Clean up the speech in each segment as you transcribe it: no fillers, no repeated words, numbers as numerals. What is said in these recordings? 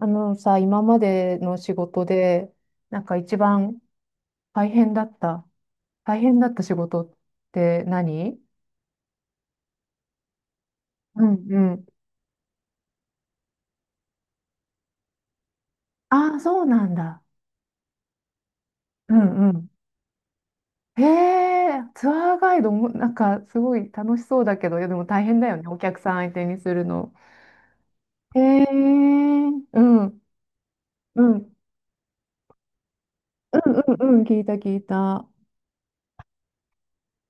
あのさ、今までの仕事で、なんか一番大変だった、大変だった仕事って何？うんうん。ああ、そうなんだ。うんうん。へえ、ツアーガイドも、なんかすごい楽しそうだけど、いやでも大変だよね、お客さん相手にするの。へえ、うん、うん、うんうんうん、聞いた聞いた。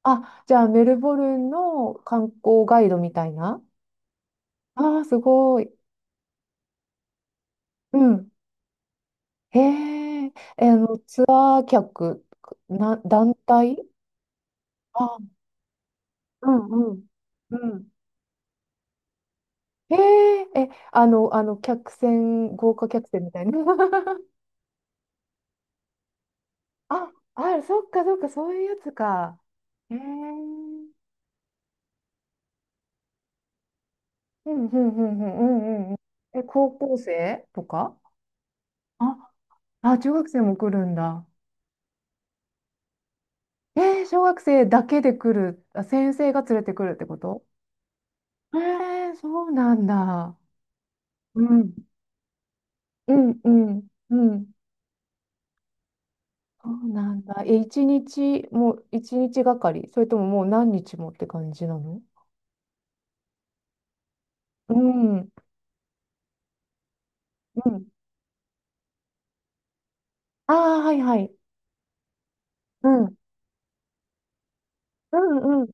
あ、じゃあメルボルンの観光ガイドみたいな。ああー、すごい。うん。へえ、ツアー客、団体。あ、うんうん。うん。へえ、客船、豪華客船みたいな。あ、ある、そっかそっか、そういうやつか。へえ、うんうんうんうんうんうん。高校生とか。あ、あ、中学生も来るんだ。小学生だけで来る、あ、先生が連れてくるってこと？そうなんだ。うん。うんうんうん。そうなんだ。もう一日がかりそれとももう何日もって感じなの？うん。うん。ああ、はいはい。うん。うんうん。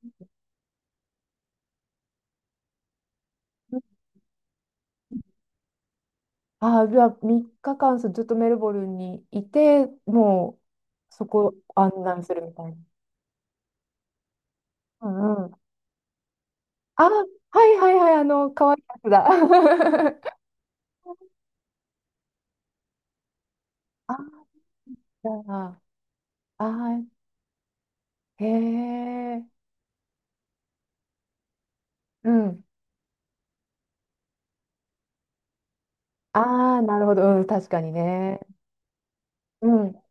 ああ、じゃあ3日間ずっとメルボルンにいて、もうそこ案内するみたいな。うんうん。ああ、はいはいはい、可愛いやつだ。ああ、じゃあ、ああ、へえ、うん。ああ、なるほど、うん、確かにね。うん、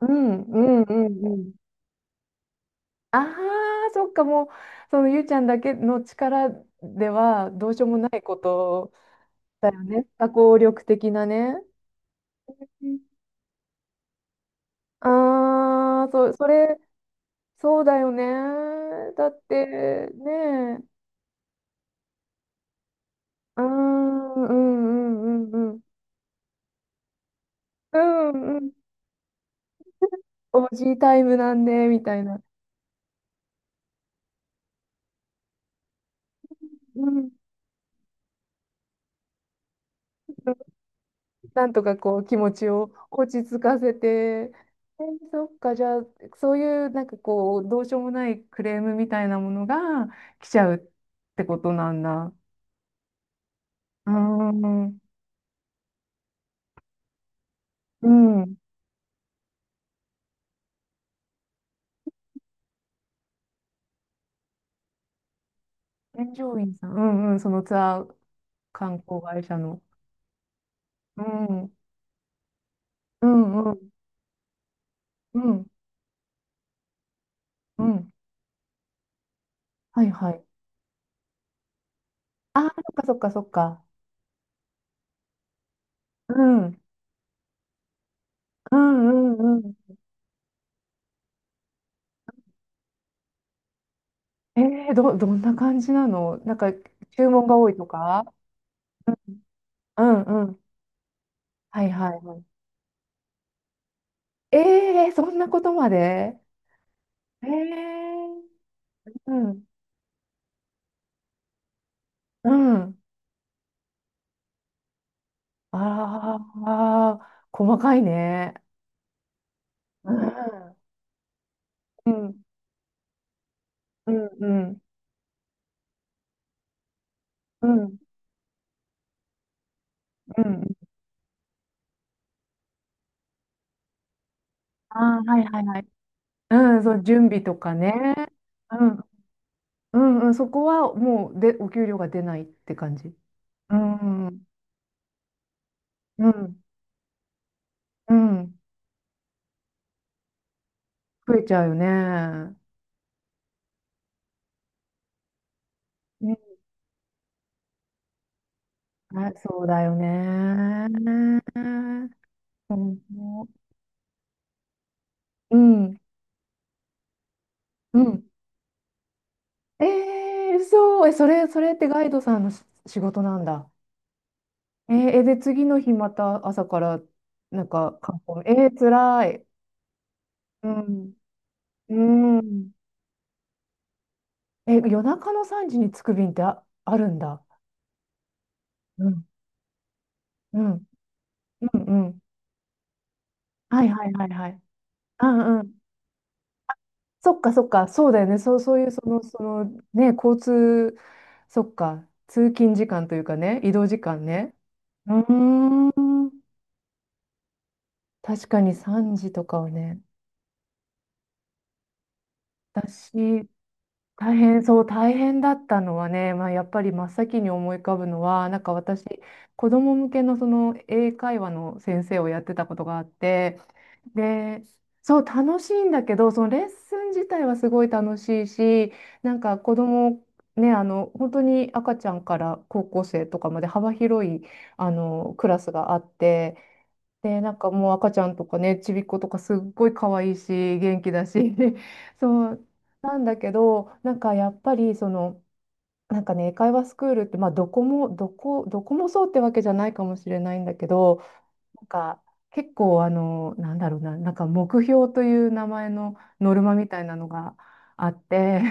うん、うん、うん、うん。ああ、そっか、もう、そのゆうちゃんだけの力ではどうしようもないことだよね。多項力的なね。ああー、それ、そうだよね。だって、ねえ、うーん、うん、うん、うん、うん、うん、うん、おじいタイムなんで、みたいな。うん、なんとかこう気持ちを落ち着かせて、そっか、じゃあ、そういうなんかこう、どうしようもないクレームみたいなものが来ちゃうってことなんだ。うーん、うん。添乗員さん、うんうん、そのツアー観光会社の。うん、うん、うん、うん、うん。はいはい。ああ、そっかそっかそっか。うん、うん、うん、うん。どんな感じなのなんか、注文が多いとか？うんうん。はいはいはい。ええそんなことまで？ええうん。うん。ああ、細かいね。うん。うん、うん、うん、うん。うん。ああ、はいはいはい。うん、そう、準備とかね。うん、うん、うん、そこはもうで、お給料が出ないって感じ。うん、うん、うん、増えちゃうよね。うんあ、そうだよね。うん、うん、うん、そう、それってガイドさんの仕事なんだ。で、次の日また朝から、なんか観光、つらい。うん。うん。夜中の3時に着く便ってあ、あるんだ。うん。うん。うん。うん。はいはいはいはい。うんうん。そっかそっか、そうだよね。そう、そういう、その、ね、交通、そっか、通勤時間というかね、移動時間ね。うーん。確かに3時とかはね。私、大変だったのはね、まあ、やっぱり真っ先に思い浮かぶのは、なんか私、子供向けのその英会話の先生をやってたことがあって、で、そう、楽しいんだけど、そのレッスン自体はすごい楽しいし、なんか子供、ね、本当に赤ちゃんから高校生とかまで幅広い、クラスがあって、で、なんかもう赤ちゃんとかね、ちびっことかすっごい可愛いし、元気だし、そう、なんだけど、なんかやっぱりその、なんかね、英会話スクールって、まあどこもそうってわけじゃないかもしれないんだけど、なんか結構なんだろうな、なんか目標という名前のノルマみたいなのがあって、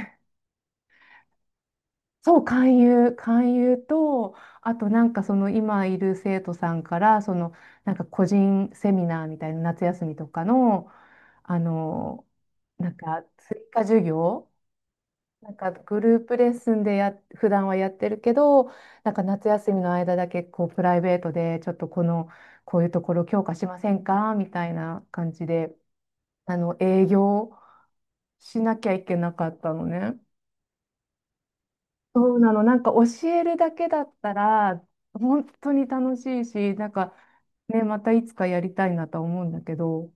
そう、勧誘と、あとなんかその今いる生徒さんから、そのなんか個人セミナーみたいな夏休みとかの、あの、なんか追加授業、なんかグループレッスンで普段はやってるけど、なんか夏休みの間だけこうプライベートでちょっとこういうところ強化しませんかみたいな感じで、営業しなきゃいけなかったのね。そうなの、なんか教えるだけだったら、本当に楽しいし、なんかね、またいつかやりたいなとは思うんだけど、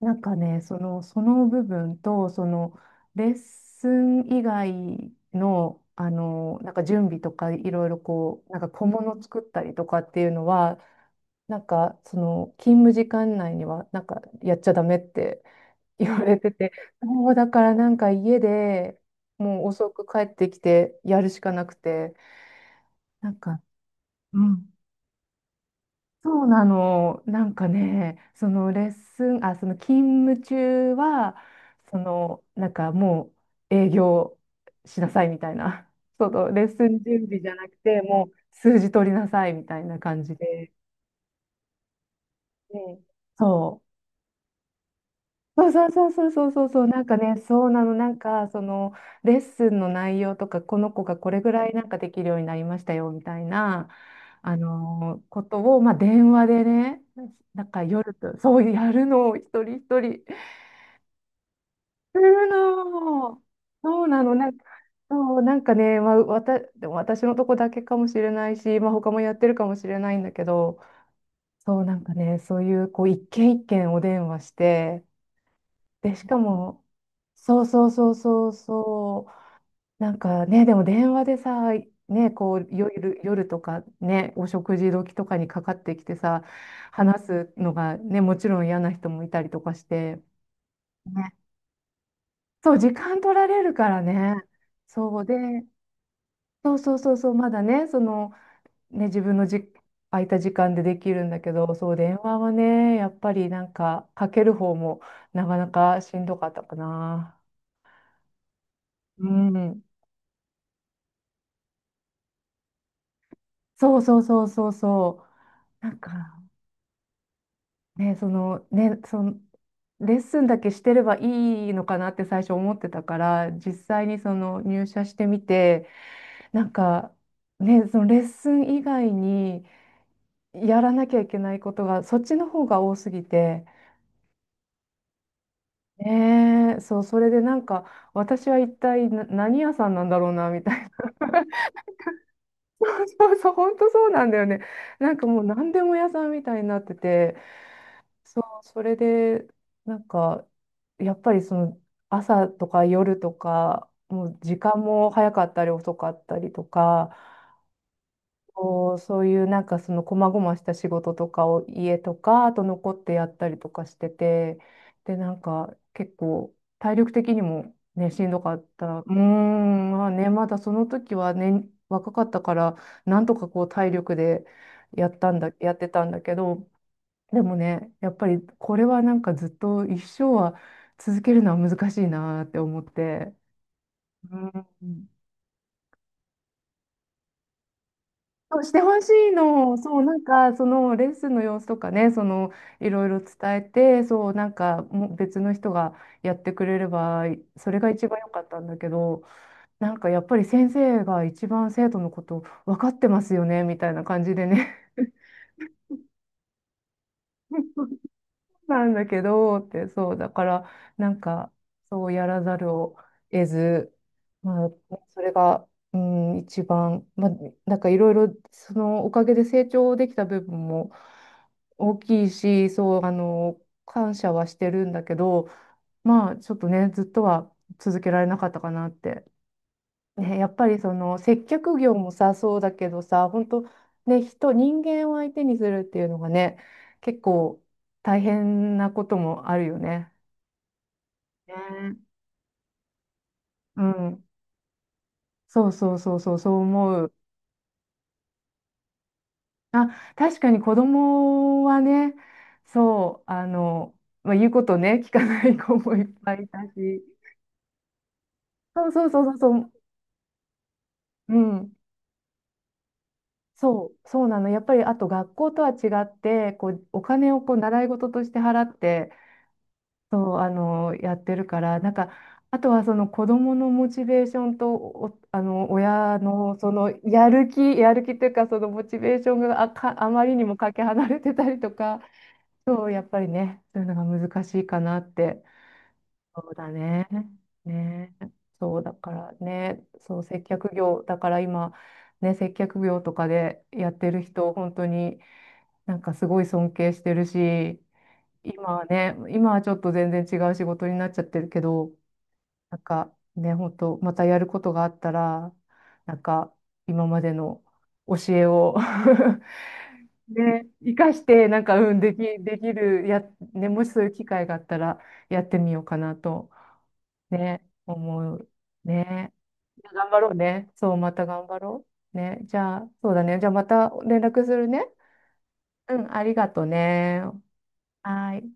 なんかね、その部分と、その、レッスン以外の、なんか準備とか、いろいろこう、なんか小物作ったりとかっていうのは、なんか、その、勤務時間内には、なんか、やっちゃダメって言われてて、もうだからなんか家でもう遅く帰ってきてやるしかなくて、なんか、うん、そうなの、なんかね、そのレッスン、あ、その勤務中は、そのなんかもう営業しなさいみたいな、そのレッスン準備じゃなくて、もう数字取りなさいみたいな感じで、うん、そう。そうそうそうそうそうそうそう、なんかね、そうなの、なんか、その、レッスンの内容とか、この子がこれぐらいなんかできるようになりましたよ、みたいな、ことを、まあ、電話でね、なんか夜と、そうやるのを一人一人、するの。そうなの、なんか、そう、なんかね、まあ、でも私のとこだけかもしれないし、まあ、他もやってるかもしれないんだけど、そう、なんかね、そういう、こう、一軒一軒お電話して、で、しかも、そうそうそうそうそう、なんかね、でも電話でさ、ね、こう夜とかね、お食事時とかにかかってきてさ、話すのがね、もちろん嫌な人もいたりとかして、ね、そう、時間取られるからね、そうで、そうそうそうそう、まだね、その、ね、自分の空いた時間でできるんだけど、そう、電話はね、やっぱりなんか、かける方もなかなかしんどかったかな。うんそうそうそうそうそう。なんかね、そのレッスンだけしてればいいのかなって最初思ってたから、実際にその入社してみて、なんかね、そのレッスン以外にやらなきゃいけないことがそっちの方が多すぎて、ねえ、そう、それでなんか私は一体何屋さんなんだろうなみたいな。そうそうそう、本当そうなんだよね。なんかもう何でも屋さんみたいになってて。そう、それで、なんか、やっぱりその朝とか夜とか、もう時間も早かったり遅かったりとか、こう、そういうなんかその細々した仕事とかを家とか、あと残ってやったりとかしてて、で、なんか結構体力的にもね、しんどかった。うーん、まあね、まだその時はね、若かったから、なんとかこう体力でやってたんだけど、でもね、やっぱりこれはなんかずっと一生は続けるのは難しいなって思って。うん。そうしてほしいの。そう、なんか、そのレッスンの様子とかね、その、いろいろ伝えて、そう、なんか、もう別の人がやってくれれば、それが一番良かったんだけど、なんかやっぱり先生が一番生徒のこと分かってますよね、みたいな感じでねなんだけど、って、そう、だから、なんか、そうやらざるを得ず、まあ、それが、うん、一番、まあ、なんかいろいろ、そのおかげで成長できた部分も大きいし、そう、感謝はしてるんだけど、まあ、ちょっとね、ずっとは続けられなかったかなってね、やっぱりその接客業もさ、そうだけどさ、本当ね、人間を相手にするっていうのがね、結構大変なこともあるよね。ね。うん。そうそうそうそう、そう思う。あ、確かに子供はね、そう、まあ、言うことね、聞かない子もいっぱいいたし。そうそうそうそうそう、うん。そう、そうなの。やっぱり、あと学校とは違って、こう、お金をこう習い事として払って、そう、やってるから、なんか、あとはその子供のモチベーションと、お、あの、親のそのやる気、やる気というか、そのモチベーションがあか、あまりにもかけ離れてたりとか、そう、やっぱりね、そういうのが難しいかなって。そうだね。ね。そう、だからね、そう、接客業、だから今、ね、接客業とかでやってる人、本当になんかすごい尊敬してるし、今はちょっと全然違う仕事になっちゃってるけど、なんかね、本当またやることがあったら、なんか今までの教えを ね、生かして、なんか、うん、できる、ね、もしそういう機会があったら、やってみようかなと、ね、思う。ね。いや頑張ろうね。そう、また頑張ろう。ね。じゃあ、そうだね。じゃあ、また連絡するね。うん、ありがとうね。はーい。